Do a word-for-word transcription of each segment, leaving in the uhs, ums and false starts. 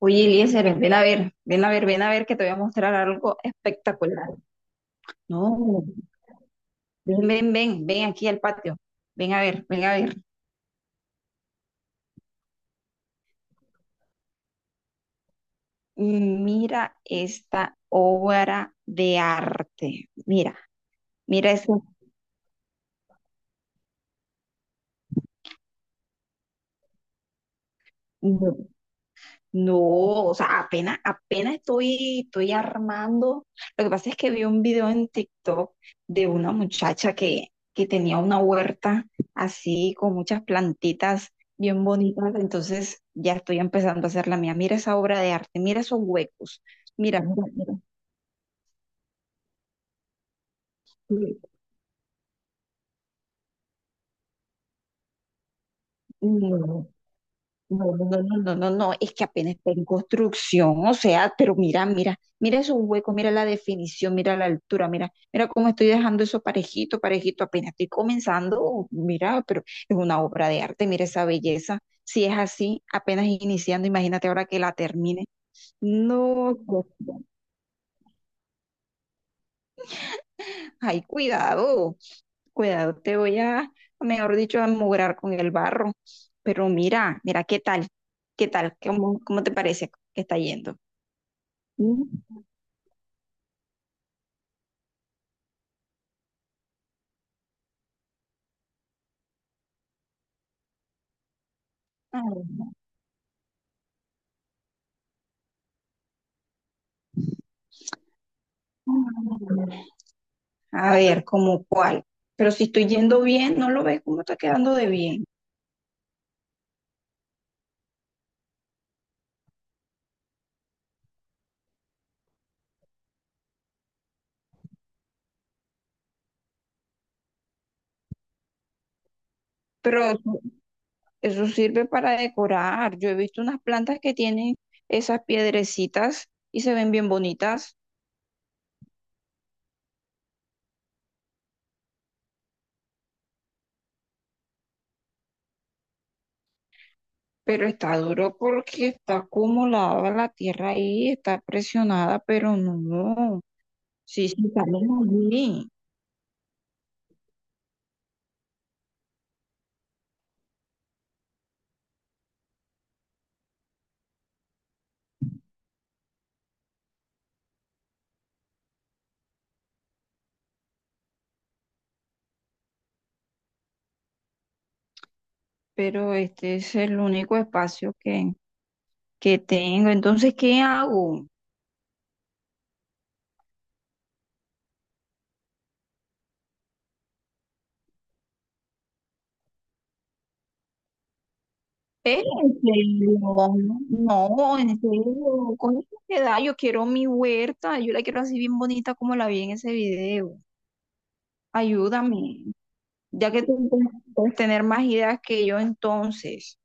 Oye, Eliezer, ven a ver, ven a ver, ven a ver que te voy a mostrar algo espectacular. No, ven, ven, ven, ven aquí al patio. Ven a ver, ven a ver. Mira esta obra de arte. Mira, mira eso. No, o sea, apenas, apenas estoy, estoy armando. Lo que pasa es que vi un video en TikTok de una muchacha que, que tenía una huerta así con muchas plantitas bien bonitas. Entonces ya estoy empezando a hacer la mía. Mira esa obra de arte, mira esos huecos. Mira, mira, mira. No, no, no, no, no, no, no, no, es que apenas está en construcción, o sea, pero mira, mira, mira esos huecos, mira la definición, mira la altura, mira, mira cómo estoy dejando eso parejito, parejito, apenas estoy comenzando, mira, pero es una obra de arte, mira esa belleza, si es así, apenas iniciando, imagínate ahora que la termine. No, Dios mío. Ay, cuidado, cuidado, te voy a, mejor dicho, a mugrar con el barro, pero mira, mira qué tal, qué tal, cómo, cómo te parece que está yendo. A ver, ¿como cuál? Pero si estoy yendo bien, ¿no lo ves cómo está quedando de bien? Pero eso, eso sirve para decorar. Yo he visto unas plantas que tienen esas piedrecitas y se ven bien bonitas, pero está duro porque está acumulada la tierra ahí, está presionada, pero no. Sí, sí, salen allí, pero este es el único espacio que, que tengo. Entonces, ¿qué hago? ¿Eh? ¿En serio? No, en serio, con esa edad yo quiero mi huerta, yo la quiero así bien bonita como la vi en ese video. Ayúdame, ya que tú puedes puedes tener más ideas que yo entonces,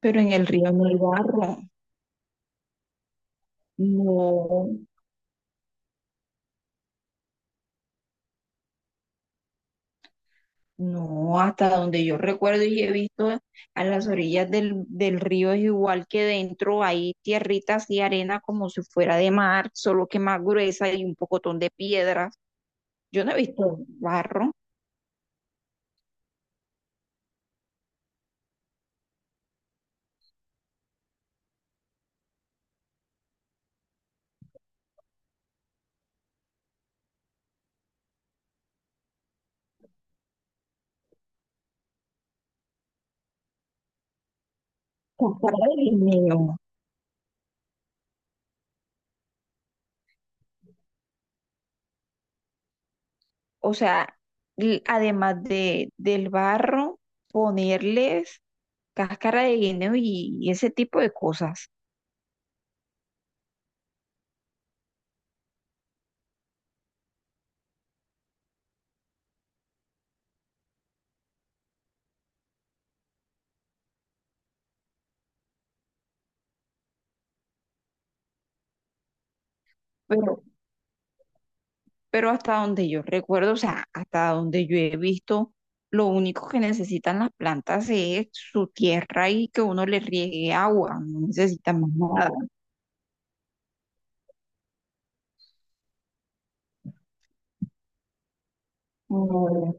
pero en el río no hay barro. No, no, hasta donde yo recuerdo y he visto a las orillas del, del río es igual que dentro hay tierritas y arena como si fuera de mar, solo que más gruesa y un pocotón de piedras. Yo no he visto barro. Ay, Dios mío. O sea, l- además de, del barro, ponerles cáscara de guineo y, y ese tipo de cosas. Pero, pero hasta donde yo recuerdo, o sea, hasta donde yo he visto, lo único que necesitan las plantas es su tierra y que uno le riegue agua, no necesitan más nada. Mm,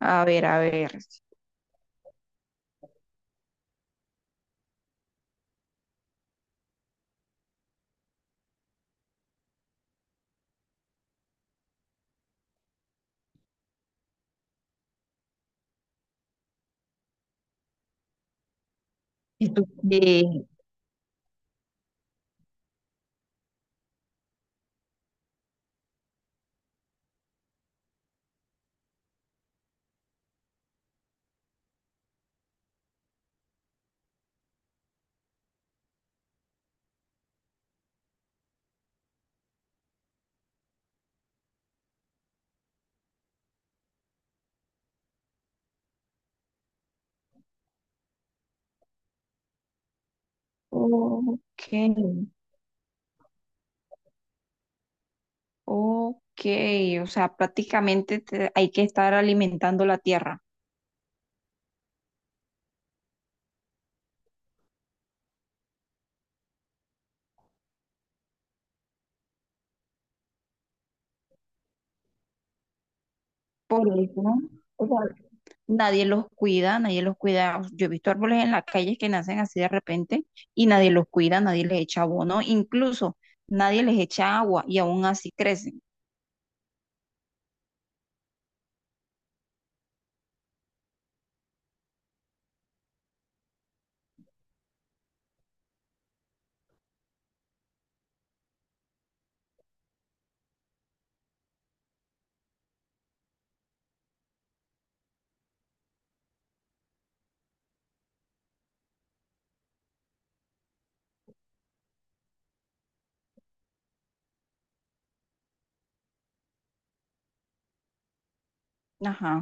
A ver, a ver. Esto, tú? Eh, ok. Ok, o sea, prácticamente te- hay que estar alimentando la tierra. Por eso, o sea, nadie los cuida, nadie los cuida. Yo he visto árboles en las calles que nacen así de repente y nadie los cuida, nadie les echa abono, incluso nadie les echa agua y aún así crecen. Ajá.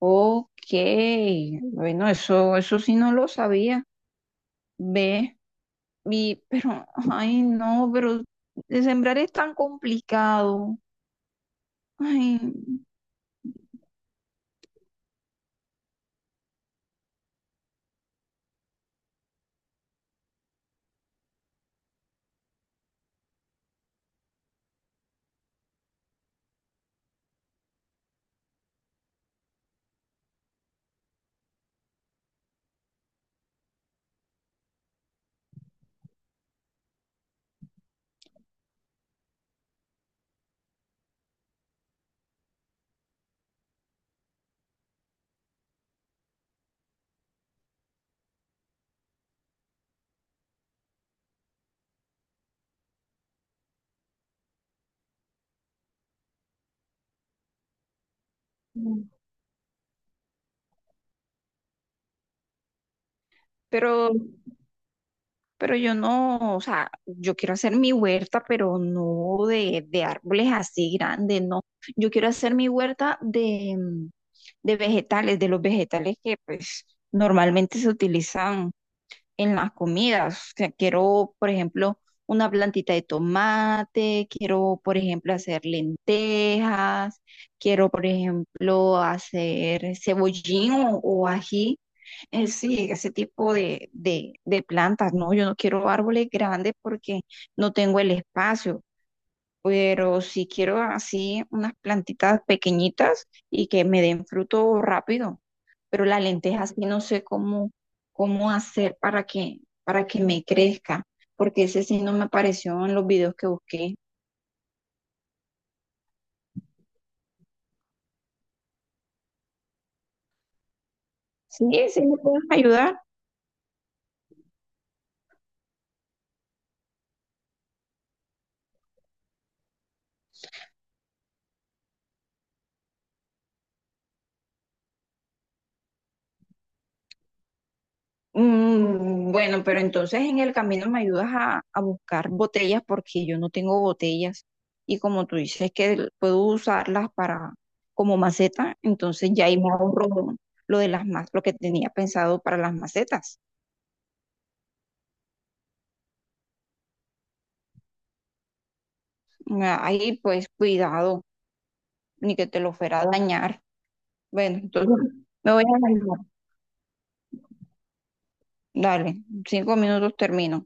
Ok, bueno, eso, eso sí no lo sabía. Ve, y, pero, ay, no, pero de sembrar es tan complicado. Ay. No. Pero, pero yo no, o sea, yo quiero hacer mi huerta, pero no de, de árboles así grandes, no. Yo quiero hacer mi huerta de, mm, de vegetales, de los vegetales que pues normalmente se utilizan en las comidas. O sea, quiero, por ejemplo, una plantita de tomate, quiero, por ejemplo, hacer lentejas, quiero, por ejemplo, hacer cebollín o, o ají. Eh, sí, ese tipo de, de, de plantas, ¿no? Yo no quiero árboles grandes porque no tengo el espacio, pero si quiero así unas plantitas pequeñitas y que me den fruto rápido. Pero la lenteja sí no sé cómo, cómo hacer para que, para que me crezca, porque ese sí no me apareció en los videos que busqué. Sí, sí me puedes ayudar. Mm, bueno, pero entonces en el camino me ayudas a, a buscar botellas porque yo no tengo botellas y como tú dices que l- puedo usarlas para como maceta, entonces ya ahí me ahorro lo de las más, lo que tenía pensado para las macetas. Ah, ahí pues cuidado, ni que te lo fuera a dañar. Bueno, entonces me voy a bañar. Dale, cinco minutos termino.